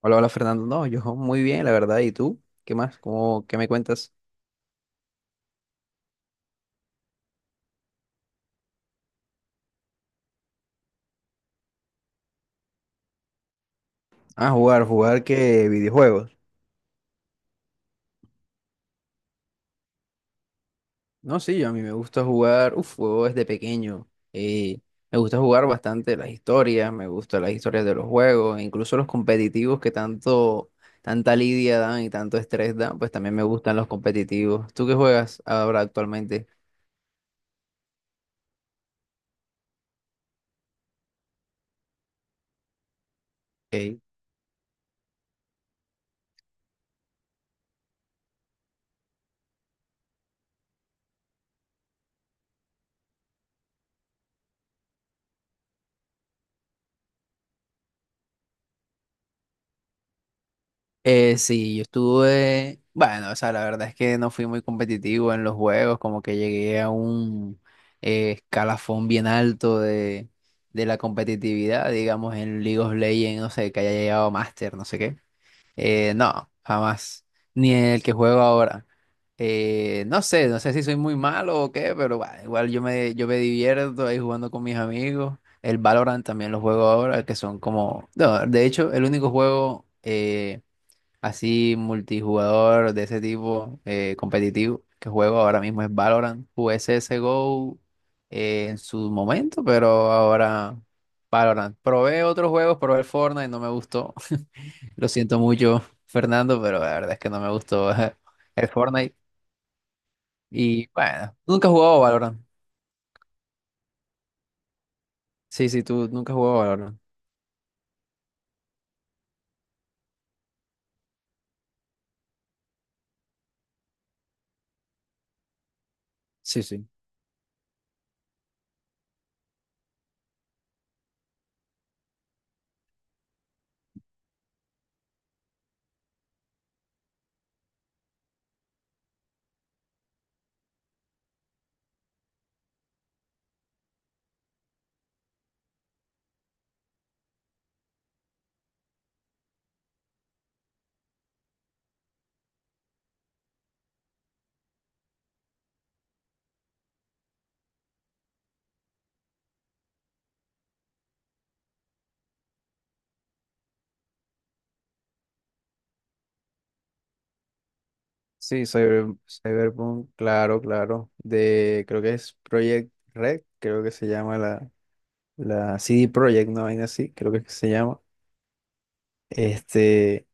Hola, hola Fernando. No, yo muy bien, la verdad. ¿Y tú? ¿Qué más? ¿Cómo, qué me cuentas? Ah, jugar, jugar qué videojuegos. No, sí, yo a mí me gusta jugar, uf, juego desde pequeño. eh, Me gusta jugar bastante las historias, me gustan las historias de los juegos, incluso los competitivos que tanto, tanta lidia dan y tanto estrés dan, pues también me gustan los competitivos. ¿Tú qué juegas ahora actualmente? Ok. Sí, yo estuve, bueno, o sea, la verdad es que no fui muy competitivo en los juegos, como que llegué a un escalafón bien alto de la competitividad, digamos, en League of Legends, no sé, que haya llegado a Master, no sé qué. No, jamás, ni en el que juego ahora. No sé, no sé si soy muy malo o qué, pero bah, igual yo me divierto ahí jugando con mis amigos. El Valorant también lo juego ahora, que son como, no, de hecho, el único juego... así multijugador de ese tipo competitivo que juego ahora mismo es Valorant. Jugué CSGO en su momento, pero ahora Valorant. Probé otros juegos, probé el Fortnite, no me gustó. Lo siento mucho, Fernando, pero la verdad es que no me gustó el Fortnite. Y bueno, nunca he jugado Valorant. Sí, sí, tú nunca has jugado Valorant. Sí, sí. Sí, Cyberpunk, claro, claro. De, creo que es Project Red, creo que se llama la CD Projekt, una vaina así, creo que es que se llama. Este,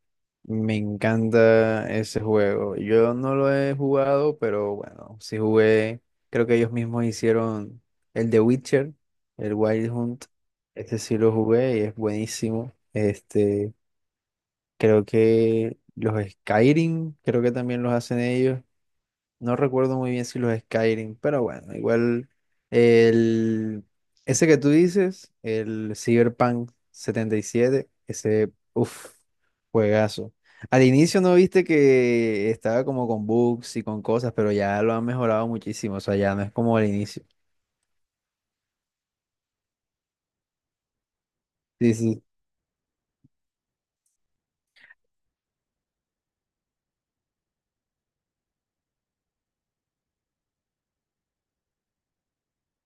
me encanta ese juego. Yo no lo he jugado, pero bueno, sí jugué. Creo que ellos mismos hicieron el de Witcher, el Wild Hunt. Este sí lo jugué y es buenísimo. Este, creo que los Skyrim, creo que también los hacen ellos. No recuerdo muy bien si los Skyrim, pero bueno, igual el ese que tú dices, el Cyberpunk 77, ese uff, juegazo. Al inicio no viste que estaba como con bugs y con cosas, pero ya lo han mejorado muchísimo, o sea, ya no es como al inicio. Sí, sí.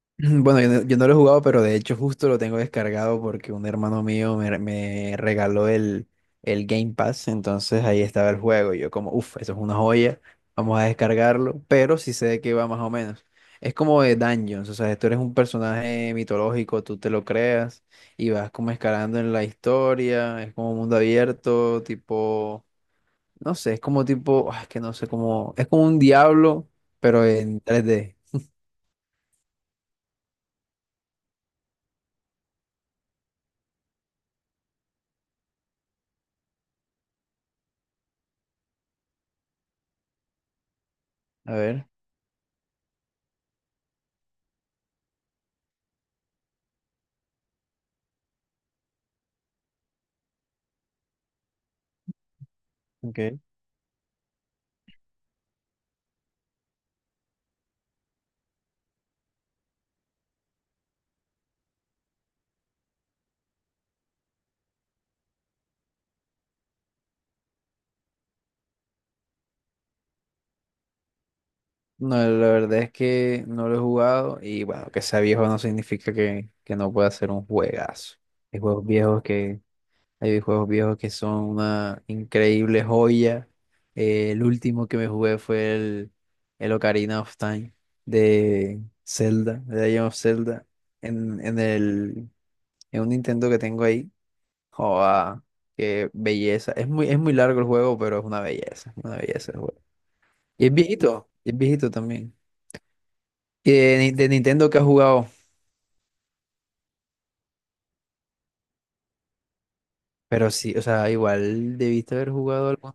Bueno, yo no lo he jugado, pero de hecho justo lo tengo descargado porque un hermano mío me regaló el Game Pass, entonces ahí estaba el juego y yo como, uff, eso es una joya, vamos a descargarlo, pero sí sé de qué va más o menos. Es como de Dungeons, o sea, tú eres un personaje mitológico, tú te lo creas y vas como escalando en la historia, es como mundo abierto, tipo, no sé, es como tipo, ah, es que no sé cómo, es como un diablo, pero en 3D. A ver. Ok. No, la verdad es que no lo he jugado y bueno, que sea viejo no significa que no pueda ser un juegazo. Hay juegos viejos que, hay juegos viejos que son una increíble joya. El último que me jugué fue el Ocarina of Time de Zelda, de Legend of Zelda, en, en el, en un Nintendo que tengo ahí. Joda, qué belleza. Es muy largo el juego, pero es una belleza el juego. Y es viejito también. Y de, Ni- De Nintendo que has jugado. Pero sí, o sea, igual debiste haber jugado algo.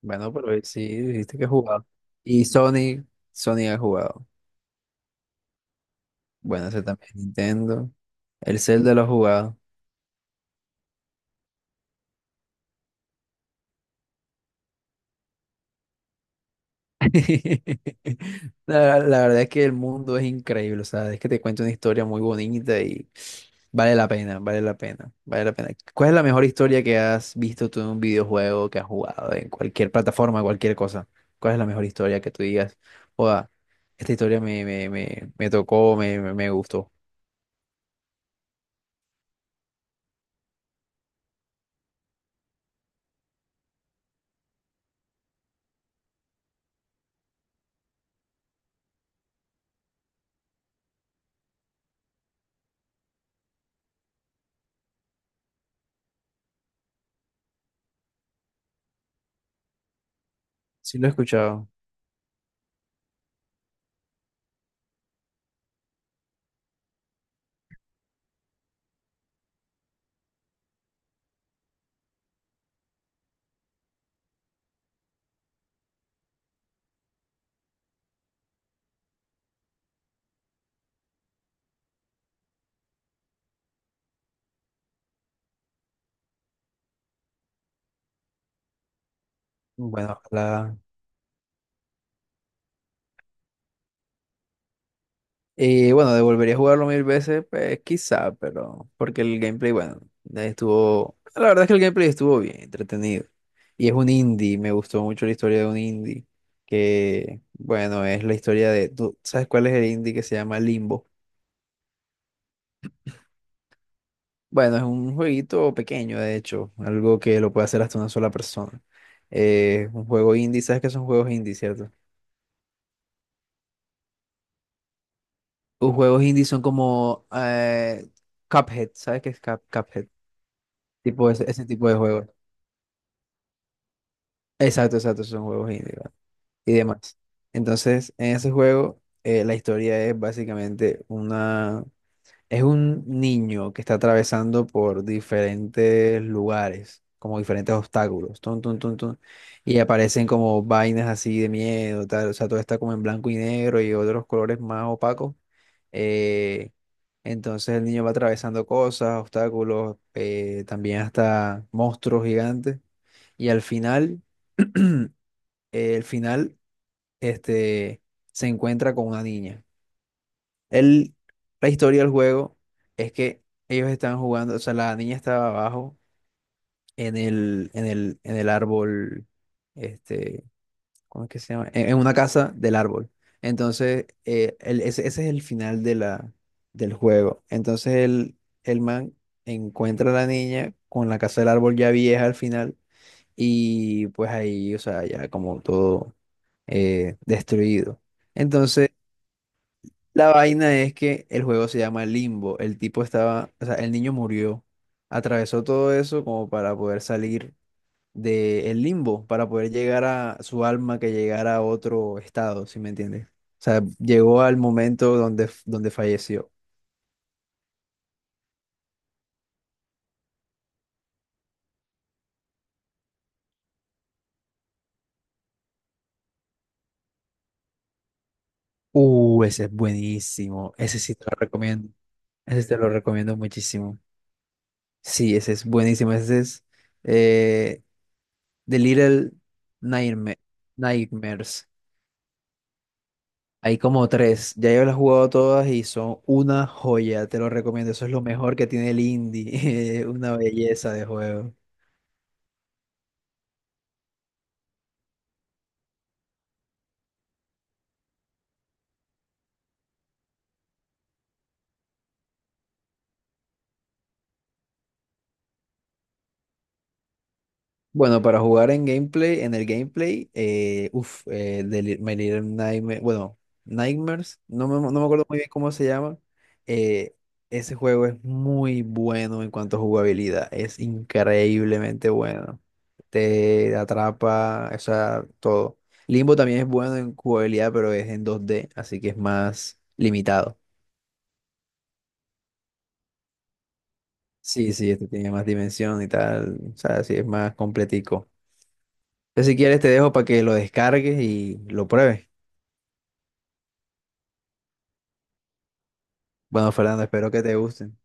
Bueno, pero sí, dijiste que has jugado. Y Sony, Sony ha jugado. Bueno, ese también, Nintendo. El Zelda lo ha jugado. La verdad es que el mundo es increíble, o sea, es que te cuento una historia muy bonita y vale la pena, vale la pena, vale la pena. ¿Cuál es la mejor historia que has visto tú en un videojuego, que has jugado en cualquier plataforma, cualquier cosa? ¿Cuál es la mejor historia que tú digas? Oda, esta historia me tocó, me gustó. Sí lo he escuchado. Bueno, ojalá. Y bueno, devolvería a jugarlo mil veces, pues quizá, pero porque el gameplay, bueno, estuvo, la verdad es que el gameplay estuvo bien, entretenido. Y es un indie, me gustó mucho la historia de un indie, que bueno, es la historia de, ¿tú sabes cuál es el indie que se llama Limbo? Bueno, es un jueguito pequeño, de hecho, algo que lo puede hacer hasta una sola persona. Un juego indie, ¿sabes qué son juegos indie, cierto? Los juegos indie son como Cuphead, ¿sabes qué es Cuphead? Tipo ese, ese tipo de juegos. Exacto, exacto, son juegos indie, ¿verdad? Y demás. Entonces, en ese juego, la historia es básicamente una... Es un niño que está atravesando por diferentes lugares, como diferentes obstáculos, tun, tun, tun, tun, y aparecen como vainas así de miedo, tal, o sea, todo está como en blanco y negro y otros colores más opacos. eh, entonces el niño va atravesando cosas, obstáculos, también hasta monstruos gigantes, y al final... El final, este, se encuentra con una niña. Él, la historia del juego es que ellos estaban jugando, o sea, la niña estaba abajo en el árbol, este, ¿cómo es que se llama? En una casa del árbol. Entonces, ese, ese es el final de la, del juego. Entonces, el man encuentra a la niña con la casa del árbol ya vieja al final y pues ahí, o sea, ya como todo destruido. Entonces, la vaina es que el juego se llama Limbo. El tipo estaba, o sea, el niño murió, atravesó todo eso como para poder salir del limbo, para poder llegar a su alma que llegara a otro estado, ¿si me entiendes? O sea, llegó al momento donde, donde falleció. Ese es buenísimo. Ese sí te lo recomiendo. Ese sí te lo recomiendo muchísimo. Sí, ese es buenísimo. Ese es. eh, The Little Nightma- Nightmares. Hay como tres. Ya yo las he jugado todas y son una joya. Te lo recomiendo. Eso es lo mejor que tiene el indie. Una belleza de juego. Bueno, para jugar en gameplay, en el gameplay, de My Little bueno, Nightmares, no me acuerdo muy bien cómo se llama. eh, Ese juego es muy bueno en cuanto a jugabilidad, es increíblemente bueno. Te atrapa, o sea, todo. Limbo también es bueno en jugabilidad, pero es en 2D, así que es más limitado. Sí, sí, este tiene más dimensión y tal, o sea, sí, es más completico. Entonces, si quieres, te dejo para que lo descargues y lo pruebes. Bueno, Fernando, espero que te gusten.